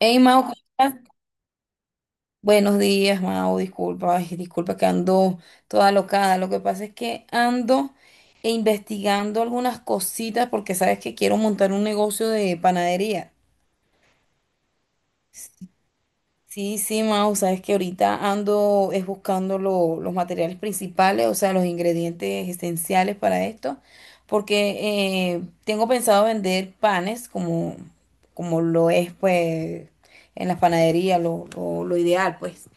Hey, Mau, ¿cómo estás? Buenos días, Mau, disculpa, ay, disculpa que ando toda locada. Lo que pasa es que ando investigando algunas cositas porque sabes que quiero montar un negocio de panadería. Sí, sí, Mau, sabes que ahorita ando es buscando los materiales principales, o sea, los ingredientes esenciales para esto, porque tengo pensado vender panes como, como lo es, pues, en las panaderías, lo ideal, pues.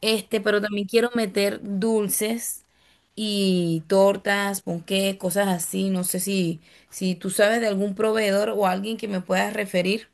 Este, pero también quiero meter dulces y tortas, ponqué, cosas así. No sé si, si tú sabes de algún proveedor o alguien que me puedas referir.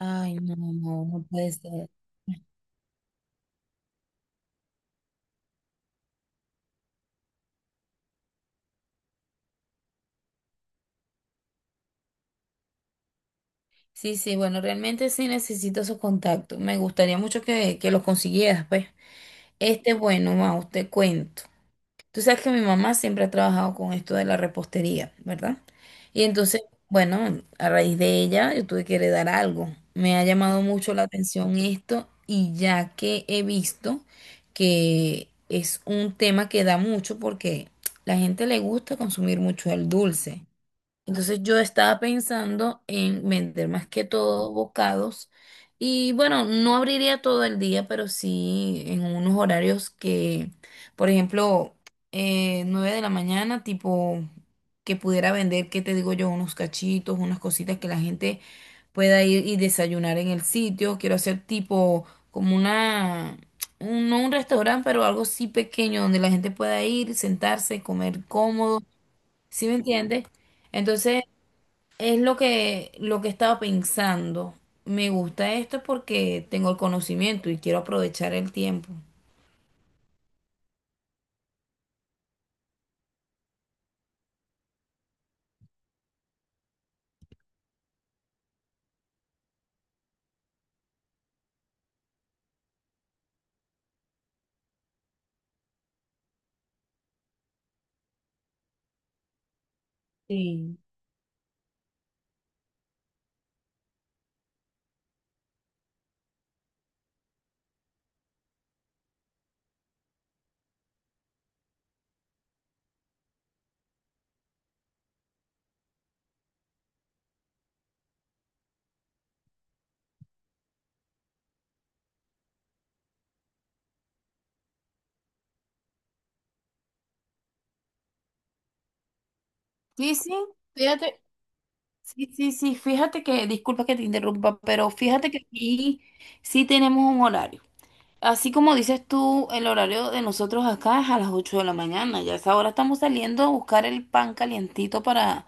Ay, no, no, no puede ser. Sí, sí, bueno, realmente sí necesito esos contactos. Me gustaría mucho que los consiguieras, pues. Este, bueno, Mau, te cuento. Tú sabes que mi mamá siempre ha trabajado con esto de la repostería, ¿verdad? Y entonces, bueno, a raíz de ella yo tuve que heredar algo. Me ha llamado mucho la atención esto y ya que he visto que es un tema que da mucho porque la gente le gusta consumir mucho el dulce. Entonces yo estaba pensando en vender más que todo bocados y bueno, no abriría todo el día, pero sí en unos horarios que, por ejemplo, 9 de la mañana, tipo que pudiera vender, ¿qué te digo yo? Unos cachitos, unas cositas que la gente pueda ir y desayunar en el sitio. Quiero hacer tipo como una, no un restaurante, pero algo sí pequeño donde la gente pueda ir, sentarse, comer cómodo, ¿sí me entiendes? Entonces, es lo que estaba pensando. Me gusta esto porque tengo el conocimiento y quiero aprovechar el tiempo. Sí. Sí, sí, fíjate, sí, sí, sí, fíjate que, disculpa que te interrumpa, pero fíjate que aquí sí tenemos un horario. Así como dices tú, el horario de nosotros acá es a las 8 de la mañana. Ya a esa hora estamos saliendo a buscar el pan calientito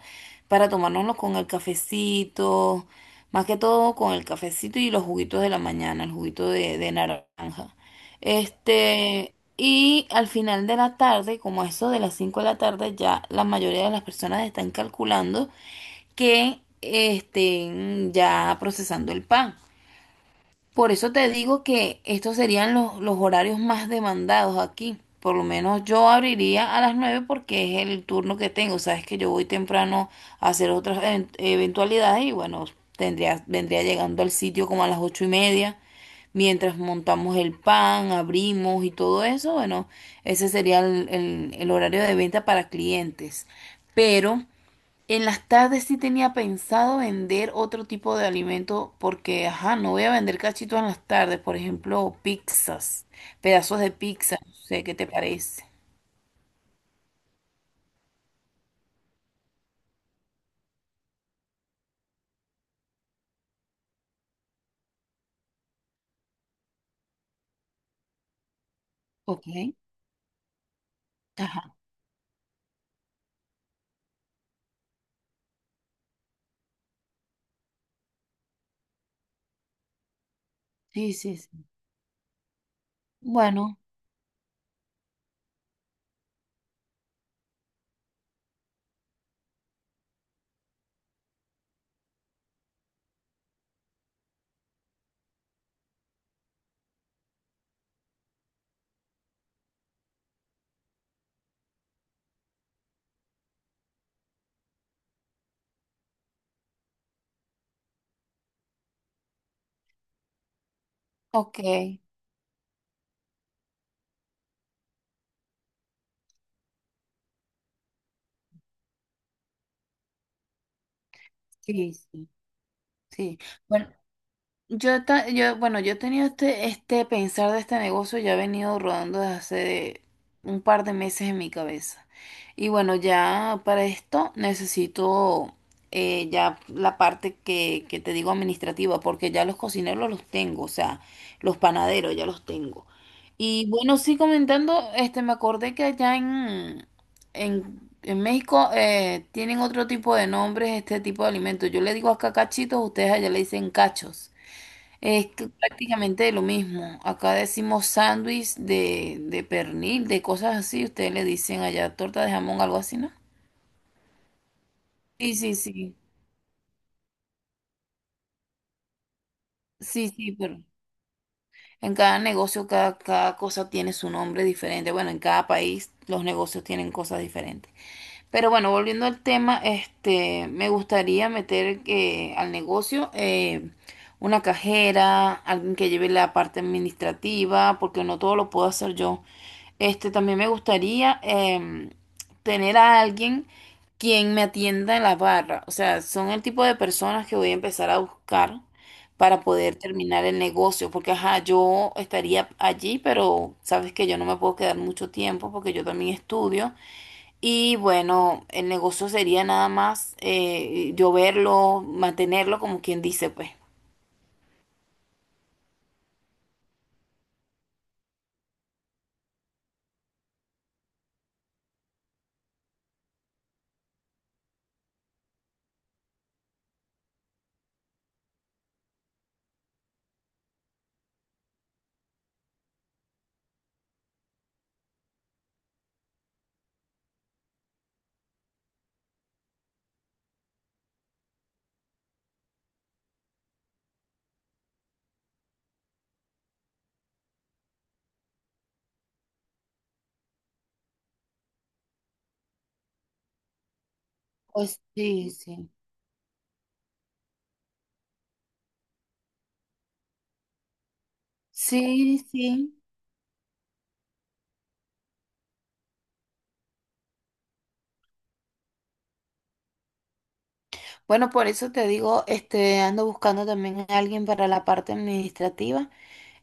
para tomárnoslo con el cafecito, más que todo con el cafecito y los juguitos de la mañana, el juguito de naranja. Este, y al final de la tarde, como a eso de las 5 de la tarde, ya la mayoría de las personas están calculando que estén ya procesando el pan. Por eso te digo que estos serían los horarios más demandados aquí. Por lo menos yo abriría a las 9 porque es el turno que tengo. Sabes que yo voy temprano a hacer otras eventualidades y bueno, tendría, vendría llegando al sitio como a las 8 y media. Mientras montamos el pan, abrimos y todo eso, bueno, ese sería el, el horario de venta para clientes. Pero en las tardes sí tenía pensado vender otro tipo de alimento porque, ajá, no voy a vender cachitos en las tardes, por ejemplo, pizzas, pedazos de pizza, no sé qué te parece. Ok, ajá, sí, sí, sí. Bueno, ok, sí, sí, sí. Bueno, yo he tenido este, este pensar de este negocio, ya he venido rodando desde hace un par de meses en mi cabeza. Y bueno, ya para esto necesito ya la parte que te digo administrativa, porque ya los cocineros los tengo, o sea, los panaderos ya los tengo. Y bueno, sí comentando, este, me acordé que allá en México tienen otro tipo de nombres, este tipo de alimentos. Yo le digo acá cachitos, ustedes allá le dicen cachos. Es que prácticamente lo mismo. Acá decimos sándwich de pernil, de cosas así. Ustedes le dicen allá torta de jamón, algo así, ¿no? Sí, sí, sí. Sí, sí, pero en cada negocio, cada cosa tiene su nombre diferente. Bueno, en cada país los negocios tienen cosas diferentes. Pero bueno, volviendo al tema, este, me gustaría meter al negocio una cajera, alguien que lleve la parte administrativa, porque no todo lo puedo hacer yo. Este, también me gustaría tener a alguien quien me atienda en la barra. O sea, son el tipo de personas que voy a empezar a buscar para poder terminar el negocio, porque ajá, yo estaría allí, pero sabes que yo no me puedo quedar mucho tiempo porque yo también estudio. Y bueno, el negocio sería nada más yo verlo, mantenerlo, como quien dice, pues. Pues sí, sí. Sí, sí. Bueno, por eso te digo, este, ando buscando también a alguien para la parte administrativa.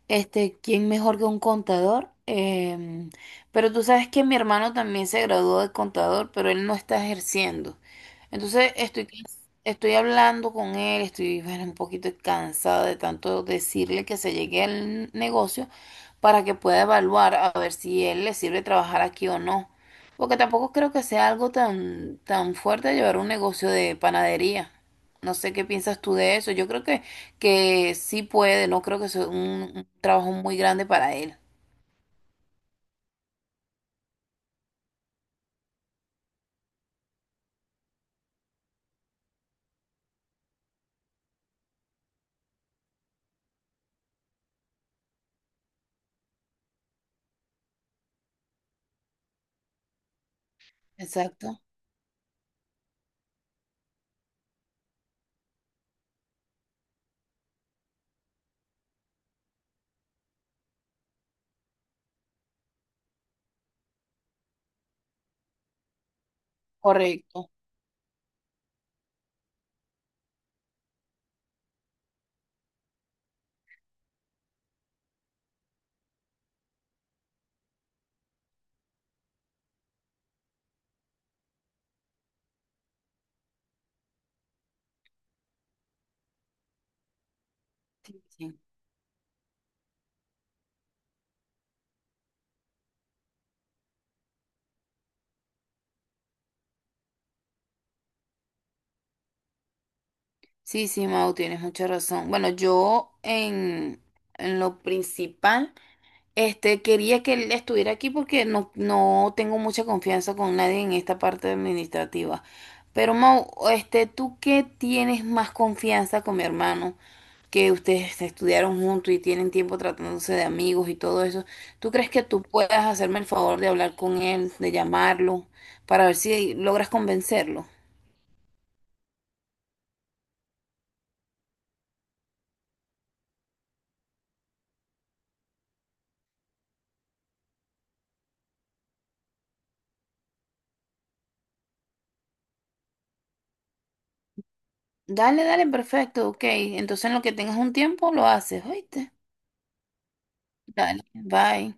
Este, ¿quién mejor que un contador? Em, pero tú sabes que mi hermano también se graduó de contador, pero él no está ejerciendo. Entonces estoy, estoy hablando con él, estoy bueno, un poquito cansada de tanto decirle que se llegue al negocio para que pueda evaluar a ver si él le sirve trabajar aquí o no. Porque tampoco creo que sea algo tan, tan fuerte llevar un negocio de panadería. No sé qué piensas tú de eso. Yo creo que sí puede, no creo que sea un trabajo muy grande para él. Exacto, correcto. Sí, sí, Sí, sí, Mau, tienes mucha razón. Bueno, yo en lo principal, este, quería que él estuviera aquí porque no, no tengo mucha confianza con nadie en esta parte administrativa. Pero Mau, este, ¿tú qué tienes más confianza con mi hermano? Que ustedes estudiaron juntos y tienen tiempo tratándose de amigos y todo eso, ¿tú crees que tú puedas hacerme el favor de hablar con él, de llamarlo, para ver si logras convencerlo? Dale, dale, perfecto, ok. Entonces en lo que tengas un tiempo lo haces, ¿oíste? Dale, bye.